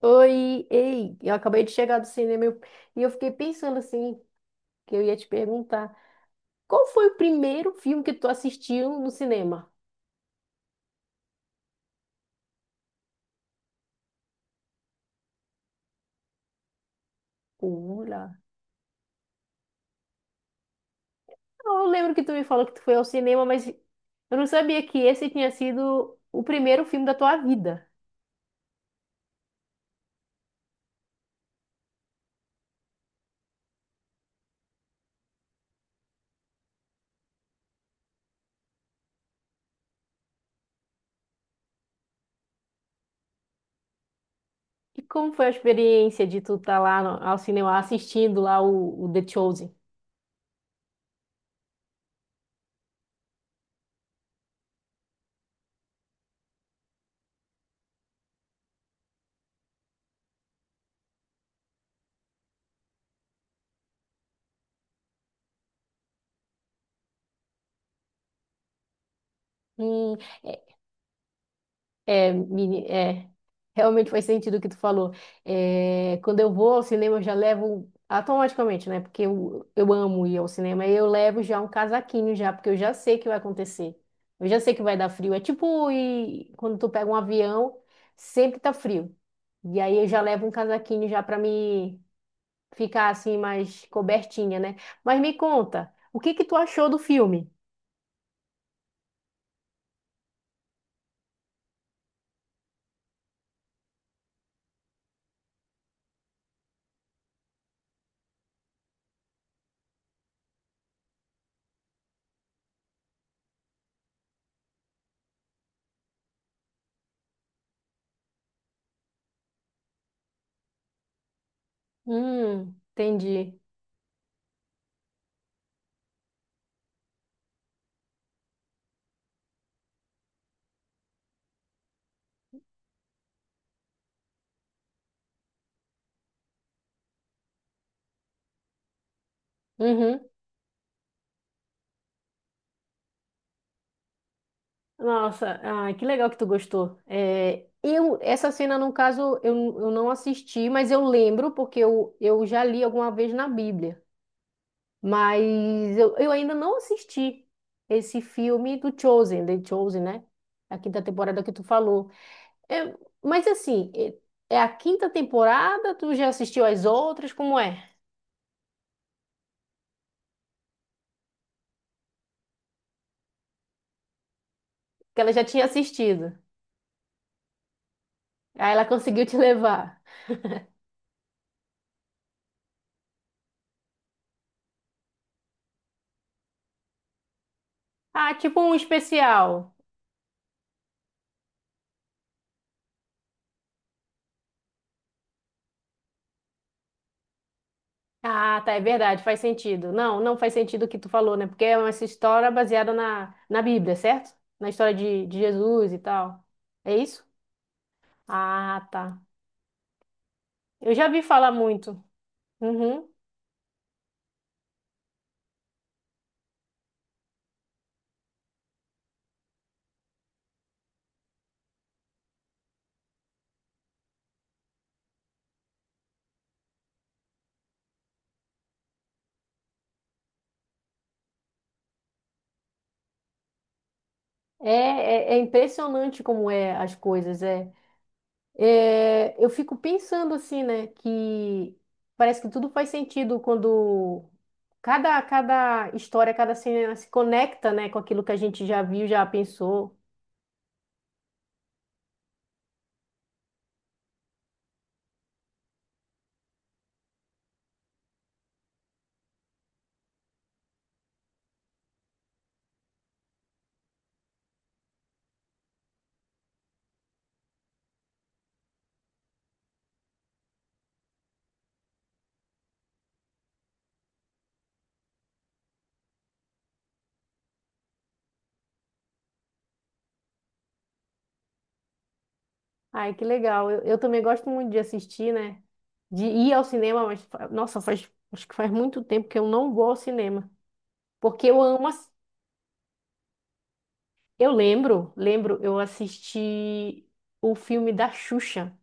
Oi, ei, eu acabei de chegar do cinema e eu fiquei pensando assim, que eu ia te perguntar, qual foi o primeiro filme que tu assistiu no cinema? Olha, eu lembro que tu me falou que tu foi ao cinema, mas eu não sabia que esse tinha sido o primeiro filme da tua vida. E como foi a experiência de tu estar lá ao cinema assistindo lá o The Chosen? Hum. É, meni- é, Realmente faz sentido o que tu falou. É, quando eu vou ao cinema, eu já levo automaticamente, né? Porque eu amo ir ao cinema, e eu levo já um casaquinho já, porque eu já sei que vai acontecer. Eu já sei que vai dar frio. É tipo quando tu pega um avião, sempre tá frio. E aí eu já levo um casaquinho já pra me ficar assim mais cobertinha, né? Mas me conta, o que que tu achou do filme? Entendi. Uhum. Nossa, ai, que legal que tu gostou. É, eu, essa cena, no caso, eu não assisti, mas eu lembro porque eu já li alguma vez na Bíblia. Mas eu ainda não assisti esse filme do Chosen, The Chosen, né? A quinta temporada que tu falou. É, mas assim, é a quinta temporada, tu já assistiu as outras? Como é? Que ela já tinha assistido. Aí ela conseguiu te levar. Ah, tipo um especial. Ah, tá, é verdade, faz sentido. Não, não faz sentido o que tu falou, né? Porque é essa história baseada na Bíblia, certo? Na história de Jesus e tal. É isso? Ah, tá. Eu já vi falar muito. Uhum. É impressionante como é as coisas. É. É, eu fico pensando assim, né? Que parece que tudo faz sentido quando cada história, cada cena se conecta, né? Com aquilo que a gente já viu, já pensou. Ai, que legal. Eu também gosto muito de assistir, né? De ir ao cinema, mas, nossa, faz, acho que faz muito tempo que eu não vou ao cinema. Porque eu amo. Eu lembro, lembro, eu assisti o filme da Xuxa.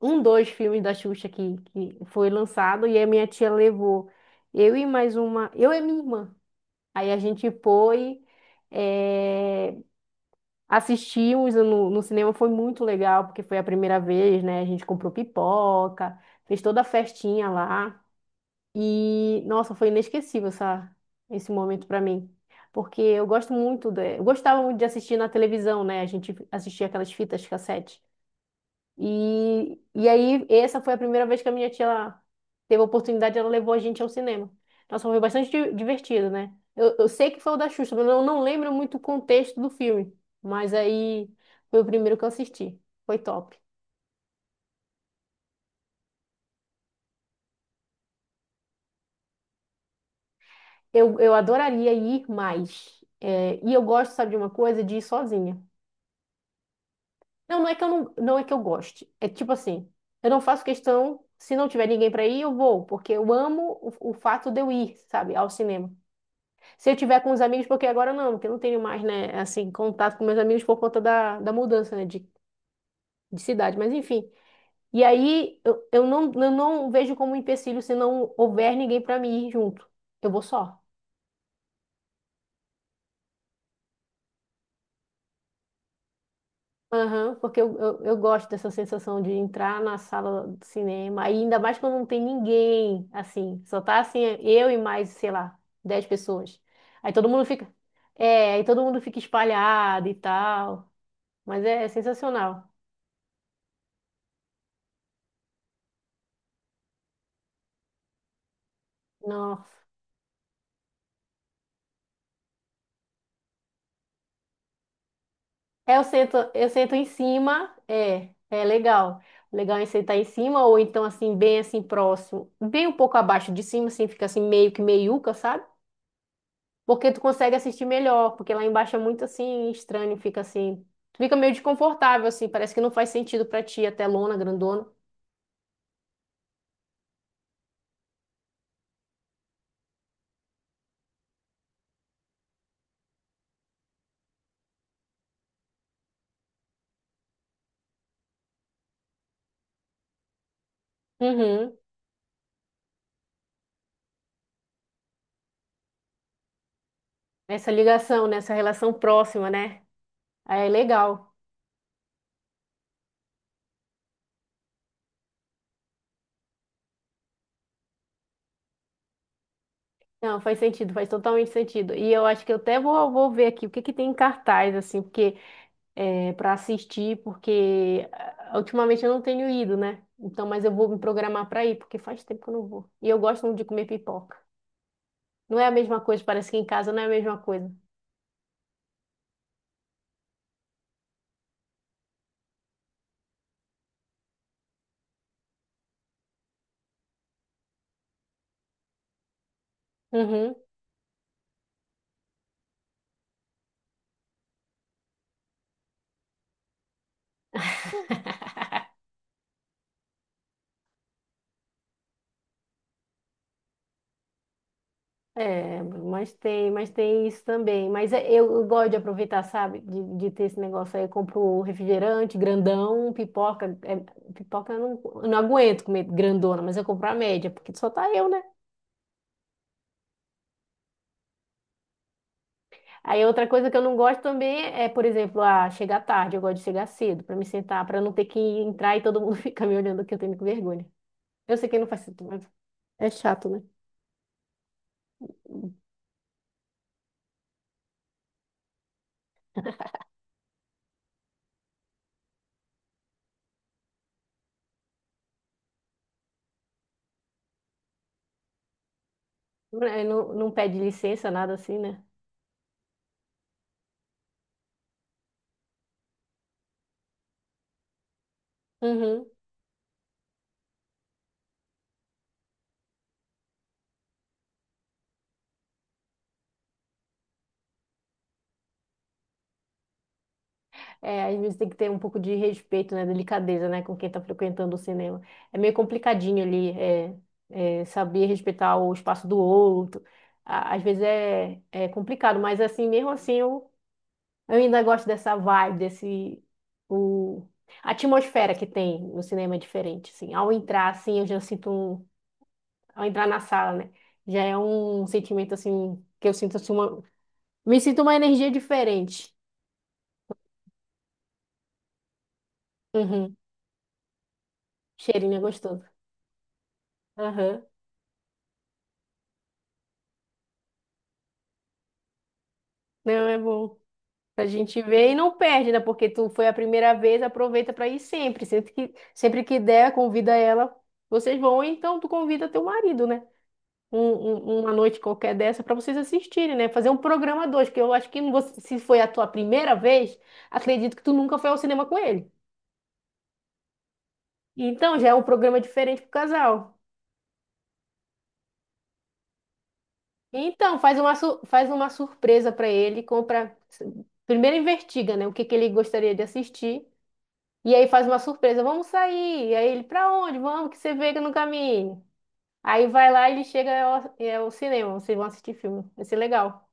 Um, dois filmes da Xuxa que foi lançado e a minha tia levou. Eu e mais uma. Eu e minha irmã. Aí a gente foi. eh, Assistimos no cinema, foi muito legal, porque foi a primeira vez, né? A gente comprou pipoca, fez toda a festinha lá. E, nossa, foi inesquecível essa, esse momento para mim. Porque eu gosto muito, de, eu gostava muito de assistir na televisão, né? A gente assistia aquelas fitas cassete. E aí, essa foi a primeira vez que a minha tia ela teve a oportunidade, ela levou a gente ao cinema. Nossa, foi bastante divertido, né? Eu sei que foi o da Xuxa, mas eu não lembro muito o contexto do filme. Mas aí foi o primeiro que eu assisti. Foi top. Eu adoraria ir mais. É, e eu gosto, sabe, de uma coisa, de ir sozinha. Não, não é que eu não, não é que eu goste. É tipo assim, eu não faço questão, se não tiver ninguém para ir, eu vou, porque eu amo o fato de eu ir, sabe, ao cinema. Se eu tiver com os amigos, porque agora não, porque eu não tenho mais, né, assim, contato com meus amigos por conta da mudança, né, de cidade, mas enfim. E aí eu não, eu não vejo como um empecilho se não houver ninguém para mim ir junto. Eu vou só. Aham, porque eu gosto dessa sensação de entrar na sala do cinema, aí ainda mais quando não tem ninguém, assim, só tá assim, eu e mais, sei lá, 10 pessoas. Aí todo mundo fica, é, aí todo mundo fica espalhado e tal, mas é, sensacional. Nossa. É, eu sento em cima, é, é legal. O legal é sentar em cima ou então assim, bem assim próximo, bem um pouco abaixo de cima, assim, fica assim meio que meiuca, sabe? Porque tu consegue assistir melhor, porque lá embaixo é muito assim estranho, fica assim, tu fica meio desconfortável assim, parece que não faz sentido pra ti a telona grandona. Uhum. Essa ligação, né? Essa relação próxima, né? Aí é legal. Não, faz sentido, faz totalmente sentido. E eu acho que eu até vou, vou ver aqui o que que tem em cartaz, assim, porque para assistir, porque ah, ultimamente eu não tenho ido, né? Então, mas eu vou me programar para ir, porque faz tempo que eu não vou. E eu gosto muito de comer pipoca. Não é a mesma coisa, parece que em casa não é a mesma coisa. Uhum. É, mas tem isso também. Eu gosto de aproveitar, sabe? De ter esse negócio aí. Eu compro refrigerante, grandão, pipoca. É, pipoca eu não aguento comer grandona, mas eu compro a média, porque só tá eu, né? Aí outra coisa que eu não gosto também é, por exemplo, ah, chegar tarde, eu gosto de chegar cedo para me sentar, para não ter que entrar e todo mundo ficar me olhando que eu tenho vergonha. Eu sei que não faz sentido, mas é chato, né? É, não, não pede licença, nada assim, né? Uhum. É, às vezes tem que ter um pouco de respeito, né? Delicadeza, né? Com quem tá frequentando o cinema. É meio complicadinho ali, é, saber respeitar o espaço do outro. Às vezes é complicado, mas assim, mesmo assim, eu ainda gosto dessa vibe, desse o a atmosfera que tem no cinema é diferente, assim. Ao entrar assim, eu já sinto um, ao entrar na sala, né? Já é um sentimento assim que eu sinto assim uma me sinto uma energia diferente. Uhum. Cheirinho é gostoso. Aham. Não é bom. A gente vê e não perde, né? Porque tu foi a primeira vez, aproveita para ir sempre, sempre que der, convida ela. Vocês vão, então tu convida teu marido, né? um- uma noite qualquer dessa para vocês assistirem, né? Fazer um programa dois, que eu acho que você- se foi a tua primeira vez, acredito que tu nunca foi ao cinema com ele. Então já é um programa diferente pro casal. Então faz uma faz uma surpresa para ele, compra primeiro investiga, né, o que que ele gostaria de assistir e aí faz uma surpresa, vamos sair. E aí ele para onde? Vamos que você vê no caminho. Aí vai lá e ele chega ao, é, ao cinema, vocês vão assistir filme. Vai ser legal.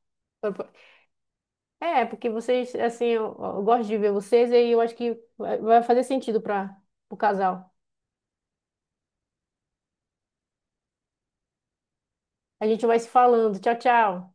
É, porque vocês, assim, eu gosto de ver vocês e eu acho que vai fazer sentido para o casal. A gente vai se falando. Tchau, tchau.